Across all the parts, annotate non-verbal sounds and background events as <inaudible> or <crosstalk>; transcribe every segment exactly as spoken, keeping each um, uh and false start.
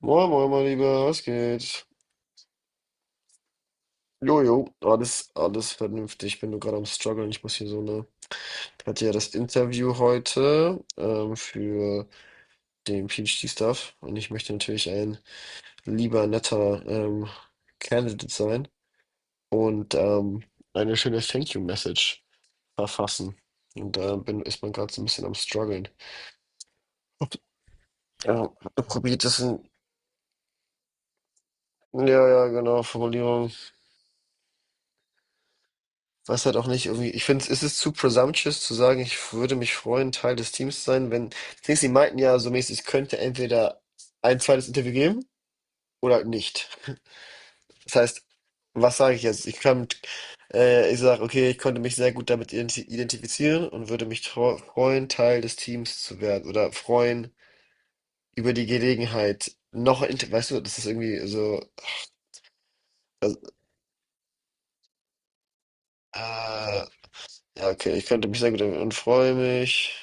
Moin, moin, mein Lieber, was geht? Jojo, alles, alles vernünftig. Ich bin nur gerade am Struggeln. Ich muss hier so eine. Ich hatte ja das Interview heute ähm, für den PhD-Stuff und ich möchte natürlich ein lieber, netter ähm, Candidate sein und ähm, eine schöne Thank You-Message verfassen. Und da bin, ist man gerade so ein bisschen am Struggeln. Ja, probiert es in. Ja, ja, genau, Formulierung. Was halt auch nicht irgendwie, ich finde, es ist zu presumptuous zu sagen, ich würde mich freuen, Teil des Teams zu sein, wenn, das Ding ist, sie meinten ja so mäßig, es könnte entweder ein zweites Interview geben oder halt nicht. Das heißt, was sage ich jetzt? Ich kann, äh, ich sage, okay, ich konnte mich sehr gut damit identi- identifizieren und würde mich tro- freuen, Teil des Teams zu werden oder freuen über die Gelegenheit, noch, ein Inter- weißt du, das ist irgendwie so, also, äh, ja, okay, ich könnte mich sehr gut damit und freue mich.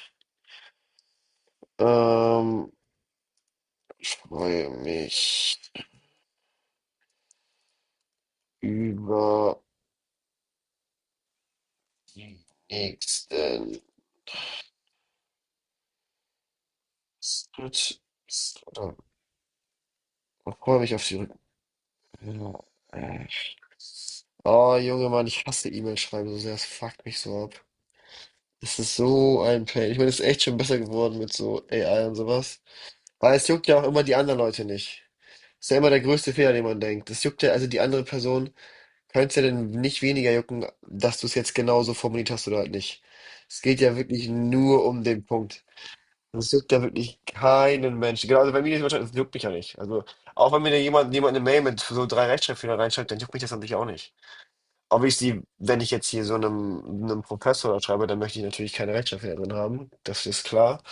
Ähm, Freue mich über die nächsten. Stut- oder- Freue mich auf die Rücken. Ja. äh. Oh, Junge, Mann, ich hasse E-Mail schreiben so sehr. Das fuckt mich so ab. Das ist so ein Pain. Ich meine, es ist echt schon besser geworden mit so A I und sowas. Weil es juckt ja auch immer die anderen Leute nicht. Ist ja immer der größte Fehler, den man denkt. Es juckt ja, also die andere Person könnte es ja dann nicht weniger jucken, dass du es jetzt genauso formuliert hast oder halt nicht. Es geht ja wirklich nur um den Punkt. Das juckt ja wirklich keinen Menschen. Genau, also bei mir ist es, das juckt mich ja nicht. Also, auch wenn mir da jemand, jemand eine Mail mit so drei Rechtschreibfehler reinschreibt, dann juckt mich das natürlich auch nicht. Ob ich sie, wenn ich jetzt hier so einem, einem Professor schreibe, dann möchte ich natürlich keine Rechtschreibfehler drin haben. Das ist klar.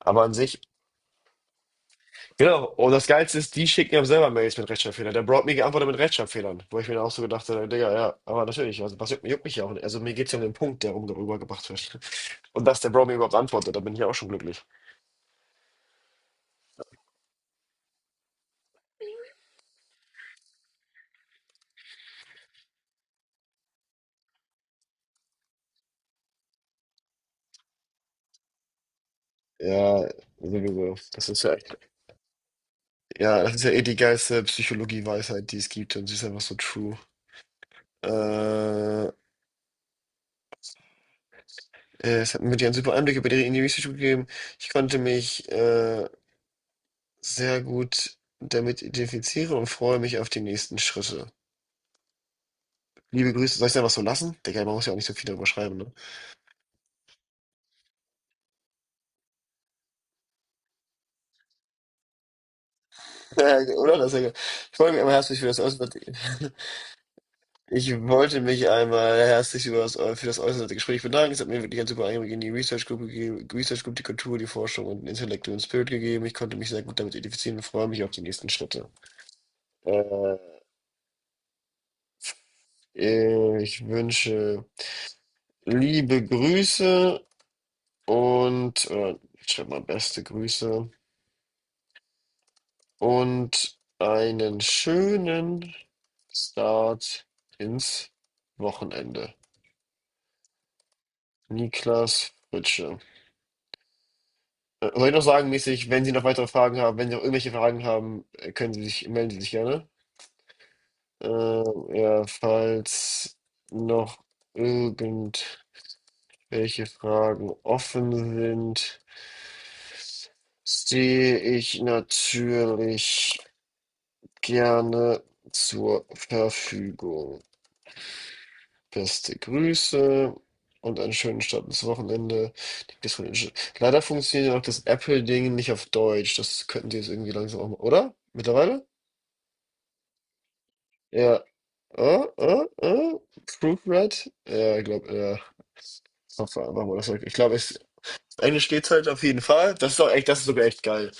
Aber an sich, genau. Und das Geilste ist, die schicken ja selber Mails mit Rechtschreibfehlern. Der Broad mir geantwortet mit Rechtschreibfehlern. Wo ich mir dann auch so gedacht habe, Digga, ja, aber natürlich, also, was juckt, juckt mich ja auch nicht. Also, mir geht's ja um den Punkt, der rum- rübergebracht wird. <laughs> Und dass der Bro mir überhaupt antwortet, da bin ich ja auch schon glücklich. Ja, sowieso. Das ist ja. Ja, das ist ja eh die geilste Psychologie-Weisheit, die es gibt und sie ist einfach so true. Äh, Es hat mir einen super Einblick über ihre Individuen gegeben. Ich konnte mich äh, sehr gut damit identifizieren und freue mich auf die nächsten Schritte. Liebe Grüße, soll ich es einfach so lassen? Digga, man muss ja auch nicht so viel darüber schreiben, ne? <laughs> Ja, oder? Das ist ja geil. Ich freue mich aber herzlich für das Auswärtige. <laughs> Ich wollte mich einmal herzlich über das, äh, für das äußerste Gespräch bedanken. Es hat mir wirklich einen super Einblick in die Research Group gegeben, Research Group, die Kultur, die Forschung und den intellektuellen Spirit gegeben. Ich konnte mich sehr gut damit identifizieren und freue mich auf die nächsten Schritte. Äh, Ich wünsche liebe Grüße und, äh, ich schreibe mal beste Grüße und einen schönen Start ins Wochenende. Niklas Fritsche. Äh, Soll ich noch sagen, mäßig, wenn Sie noch weitere Fragen haben, wenn Sie noch irgendwelche Fragen haben, äh, können Sie sich, melden Sie sich gerne. Äh, ja, falls noch irgendwelche Fragen offen sind, stehe ich natürlich gerne zur Verfügung. Beste Grüße und einen schönen Start ins Wochenende. Die Discord- leider funktioniert ja noch das Apple-Ding nicht auf Deutsch. Das könnten Sie jetzt irgendwie langsam auch mal, oder? Mittlerweile? Ja. Äh, äh, äh. Proofread? Ja, ich glaube, ja. Software, machen wir das weg. Ich glaube, es- Englisch geht's halt auf jeden Fall. Das ist doch echt, das ist sogar echt geil.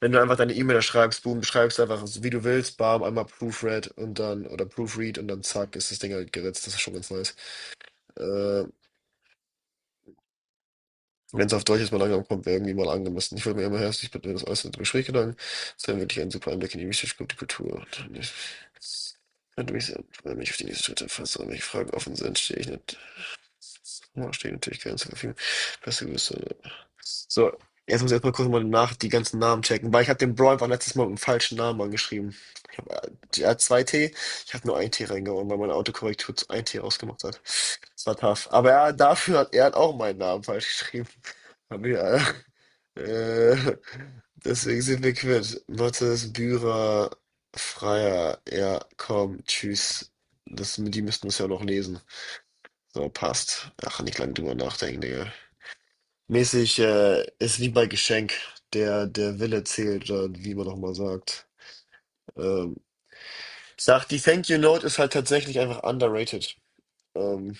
Wenn du einfach deine E-Mail da schreibst, boom, schreibst einfach, so wie du willst, bam, einmal Proofread und dann, oder Proofread und dann zack, ist das Ding halt geritzt. Das ist schon ganz nice. Äh, Wenn es auf Deutsch jetzt mal langsam kommt, wäre irgendwie mal angemessen. Ich wollte mir immer herzlich bitten, wenn das alles in Gespräch gelang. Es wäre wirklich ein super Einblick in die Wichtigkeit die Kultur. Und ich könnte mich, sehr- wenn ich auf die nächste Schritte fasse, wenn welche Fragen offen sind, stehe ich nicht. Ja, stehe ich natürlich gerne zur Verfügung. Beste Grüße. So, jetzt muss ich erstmal kurz mal nach die ganzen Namen checken, weil ich habe den Bro einfach letztes Mal mit dem falschen Namen angeschrieben. Ich habe, er hat zwei T, ich habe nur ein T reingehauen, weil meine Autokorrektur zu ein T ausgemacht hat. Das war tough. Aber er, dafür hat er hat auch meinen Namen falsch geschrieben. Aber ja, äh, <laughs> äh, deswegen sind wir quitt. Mattes, Bührer, Freier, ja, komm, tschüss. Das, die müssten es ja noch lesen. So, passt. Ach, nicht lange drüber nachdenken, Digga. Mäßig, äh, ist wie bei Geschenk. Der, der Wille zählt, oder wie man nochmal sagt. Ähm, Ich sag, die Thank You Note ist halt tatsächlich einfach underrated. Ähm,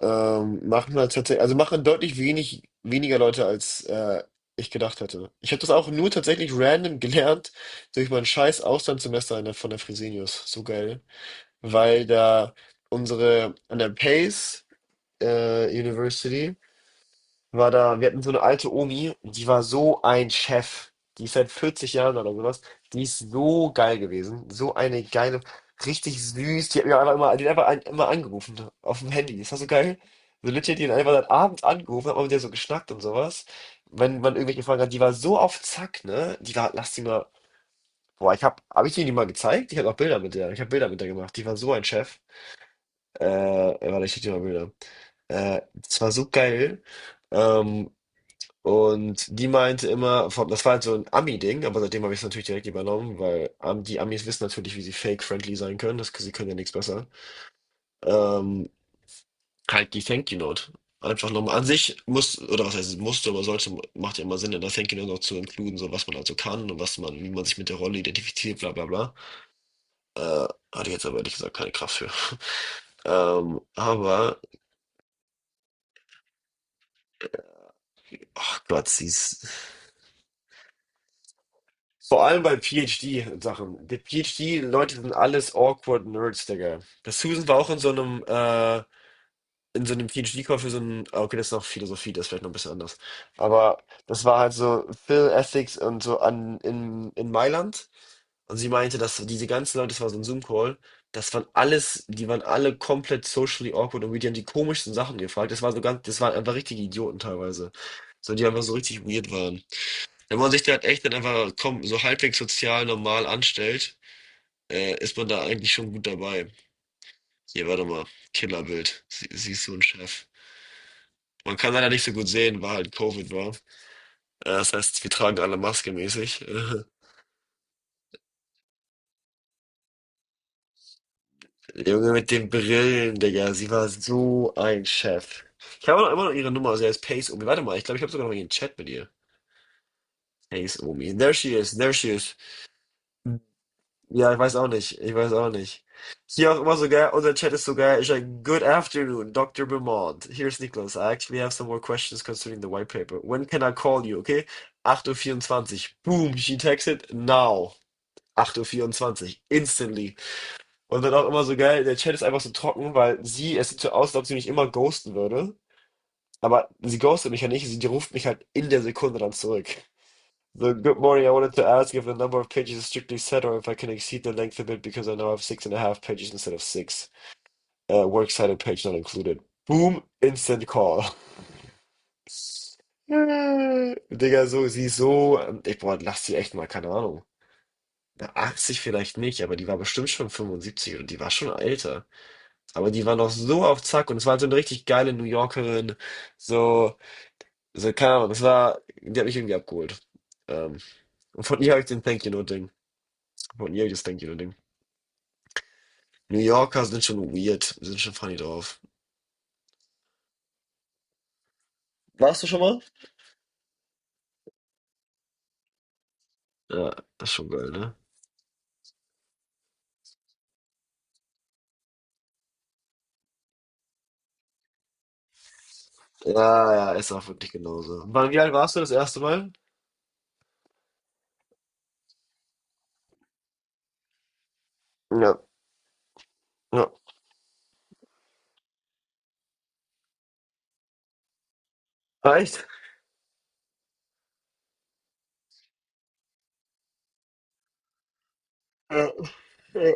Ähm, machen halt tatsächlich, also machen deutlich wenig, weniger Leute, als äh, ich gedacht hätte. Ich habe das auch nur tatsächlich random <laughs> gelernt durch mein scheiß Auslandssemester in der, von der Fresenius. So geil. Weil da unsere, an der Pace äh, University, war da, wir hatten so eine alte Omi, die war so ein Chef. Die ist seit vierzig Jahren oder sowas. Die ist so geil gewesen. So eine geile, richtig süß. Die hat mir einfach immer, die hat einfach ein, immer angerufen auf dem Handy. Ist das so geil? So legit, die hat einfach seit Abend angerufen, hat mal mit der so geschnackt und sowas. Wenn man irgendwelche Fragen hat, die war so auf Zack, ne? Die war, lass die mal. Boah, ich hab, hab ich dir die mal gezeigt? Ich hab auch Bilder mit der. Ich hab Bilder mit der gemacht. Die war so ein Chef. Äh, Warte, ich schick dir mal Bilder. Äh, das war so geil. Ähm, und die meinte immer, vom, das war halt so ein Ami-Ding, aber seitdem habe ich es natürlich direkt übernommen, weil Am- die Amis wissen natürlich, wie sie fake-friendly sein können, das, sie können ja nichts besser. Ähm, halt die Thank You Note. Einfach nochmal an sich muss, oder was heißt, musste oder sollte, macht ja immer Sinn, in der Thank You Note noch zu inkluden, so was man also kann und was man, wie man sich mit der Rolle identifiziert, bla bla bla. Äh, Hatte ich jetzt aber ehrlich gesagt keine Kraft für. Ähm, aber, ach Gott, sie ist. Vor allem bei PhD-Sachen. Die PhD-Leute sind alles awkward Nerds, Digga. Das Susan war auch in so einem, äh, in so einem PhD-Call für so einen, ah, okay, das ist noch Philosophie, das ist vielleicht noch ein bisschen anders. Aber das war halt so Phil Ethics und so an, in, in Mailand. Und sie meinte, dass diese ganzen Leute, das war so ein Zoom-Call, das waren alles, die waren alle komplett socially awkward und die haben die komischsten Sachen gefragt. Das war so ganz, das waren einfach richtige Idioten teilweise. So, die einfach so richtig weird waren. Wenn man sich da halt echt dann einfach komm, so halbwegs sozial normal anstellt, äh, ist man da eigentlich schon gut dabei. Hier, warte mal, Killerbild. Sie, siehst du einen Chef. Man kann leider nicht so gut sehen, weil halt Covid war. Äh, das heißt, wir tragen alle Maske mäßig. <laughs> Junge mit den Brillen, Digga, sie war so ein Chef. Ich habe noch immer noch ihre Nummer, also er ist Pace Omi. Warte mal, ich glaube, ich habe sogar noch ihren Chat mit ihr. Pace Omi. There she is, there she is. Ja, ich weiß auch nicht. Ich weiß auch nicht. Hier auch immer so geil. Unser Chat ist so geil. Ich sage, good afternoon, Doctor Beaumont. Here's Nicholas. I actually have some more questions concerning the white paper. When can I call you? Okay? acht Uhr vierundzwanzig. Vierundzwanzig. Boom, she texted now. acht Uhr vierundzwanzig. Vierundzwanzig. Instantly. Und dann auch immer so geil. Der Chat ist einfach so trocken, weil sie, es sieht so aus, als ob sie mich immer ghosten würde. Aber sie ghostet mich ja nicht. Sie ruft mich halt in der Sekunde dann zurück. So, good morning. I wanted to ask if the number of pages is strictly set or if I can exceed the length of it because I now have six and a half pages instead of six. Uh, works cited page not included. Boom, instant call. <laughs> Äh, Digga, so, sie ist so, ähm, ich, boah, lass sie echt mal, keine Ahnung. Na, achtzig vielleicht nicht, aber die war bestimmt schon fünfundsiebzig oder die war schon älter. Aber die war noch so auf Zack und es war halt so eine richtig geile New Yorkerin. So, so, keine Ahnung, es war, die hat mich irgendwie abgeholt. Ähm, und von ihr habe ich den Thank You Note. Von ihr hab ich das Denken Ding. New Yorker sind schon weird, sind schon funny drauf. Warst du schon mal? Ja, das ist schon geil, ne? Ja, ja, ist auch wirklich genauso. Wann, wie alt warst du das erste Mal? Ja. Ja. Echt? Ja, ja.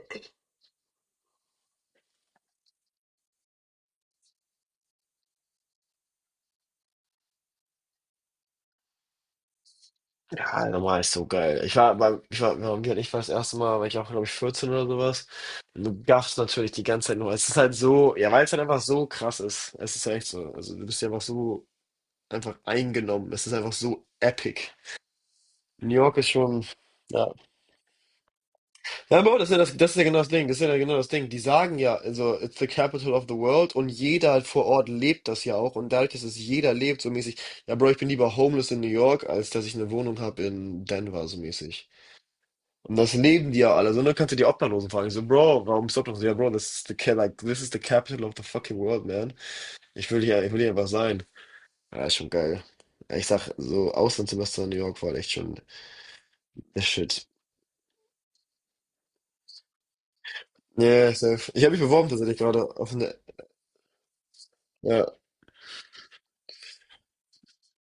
Ja, normal ist so geil. Ich war beim, ich war, warum geht ich war das erste Mal, war ich auch, glaube ich, vierzehn oder sowas. Und du gaffst natürlich die ganze Zeit nur. Es ist halt so, ja, weil es halt einfach so krass ist. Es ist ja echt so. Also du bist ja einfach so einfach eingenommen. Es ist einfach so epic. New York ist schon, ja. Ja, aber das ist ja, das, das ist ja genau das Ding. Das ist ja genau das Ding. Die sagen ja, also, it's the capital of the world und jeder halt vor Ort lebt das ja auch. Und dadurch, dass es jeder lebt, so mäßig, ja, Bro, ich bin lieber homeless in New York, als dass ich eine Wohnung habe in Denver, so mäßig. Und das leben die ja alle. So, dann kannst du die Obdachlosen fragen. Ich so, Bro, warum bist du obdachlos? Ja, Bro, this is the, ca- like, this is the capital of the fucking world, man. Ich will hier, ich will hier einfach sein. Ja, ist schon geil. Ja, ich sag, so Auslandssemester in New York war echt schon der Shit. Ja, yeah, safe. Ich habe mich beworben tatsächlich gerade auf eine. Ja.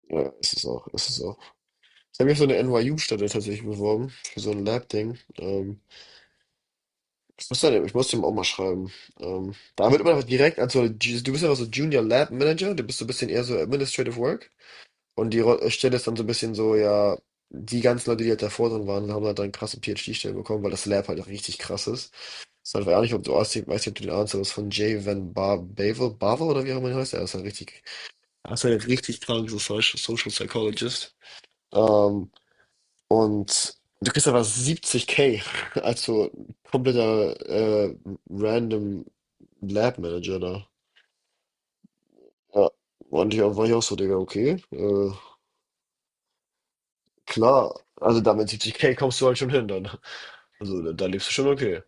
Ja, ist es auch, ist es auch. Ich habe mich auf so eine N Y U-Stelle tatsächlich beworben, für so ein Lab-Ding. Ähm, ich muss dann, ich muss dem auch mal schreiben. Ähm, da wird man einfach direkt, also Ju- du bist einfach so Junior Lab Manager, du bist so ein bisschen eher so Administrative Work. Und die Ro- äh, Stelle ist dann so ein bisschen so, ja, die ganzen Leute, die halt davor drin waren, haben halt dann krasse PhD-Stellen bekommen, weil das Lab halt richtig krass ist. Das ist halt, weiß nicht, ob du weißt, ich weiß nicht, ob du den Ahnung hast, aber es ist von Jay Van Bar Bavel, Bavel oder wie auch immer der heißt, er ist halt richtig, er ist halt ein richtig krankes Social Social Psychologist. Ähm, Und du kriegst aber siebzig k als so <laughs> kompletter äh, random Lab Manager da. Ja, und ich, war ich auch so, Digga, okay, äh, klar. Also damit siebzig k kommst du halt schon hin dann. Also da, da lebst du schon okay.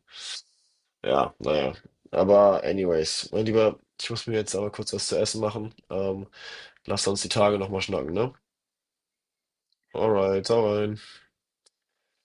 Ja, naja. Aber anyways, mein Lieber, ich muss mir jetzt aber kurz was zu essen machen. Ähm, lass uns die Tage nochmal schnacken, ne? Alright, hau rein.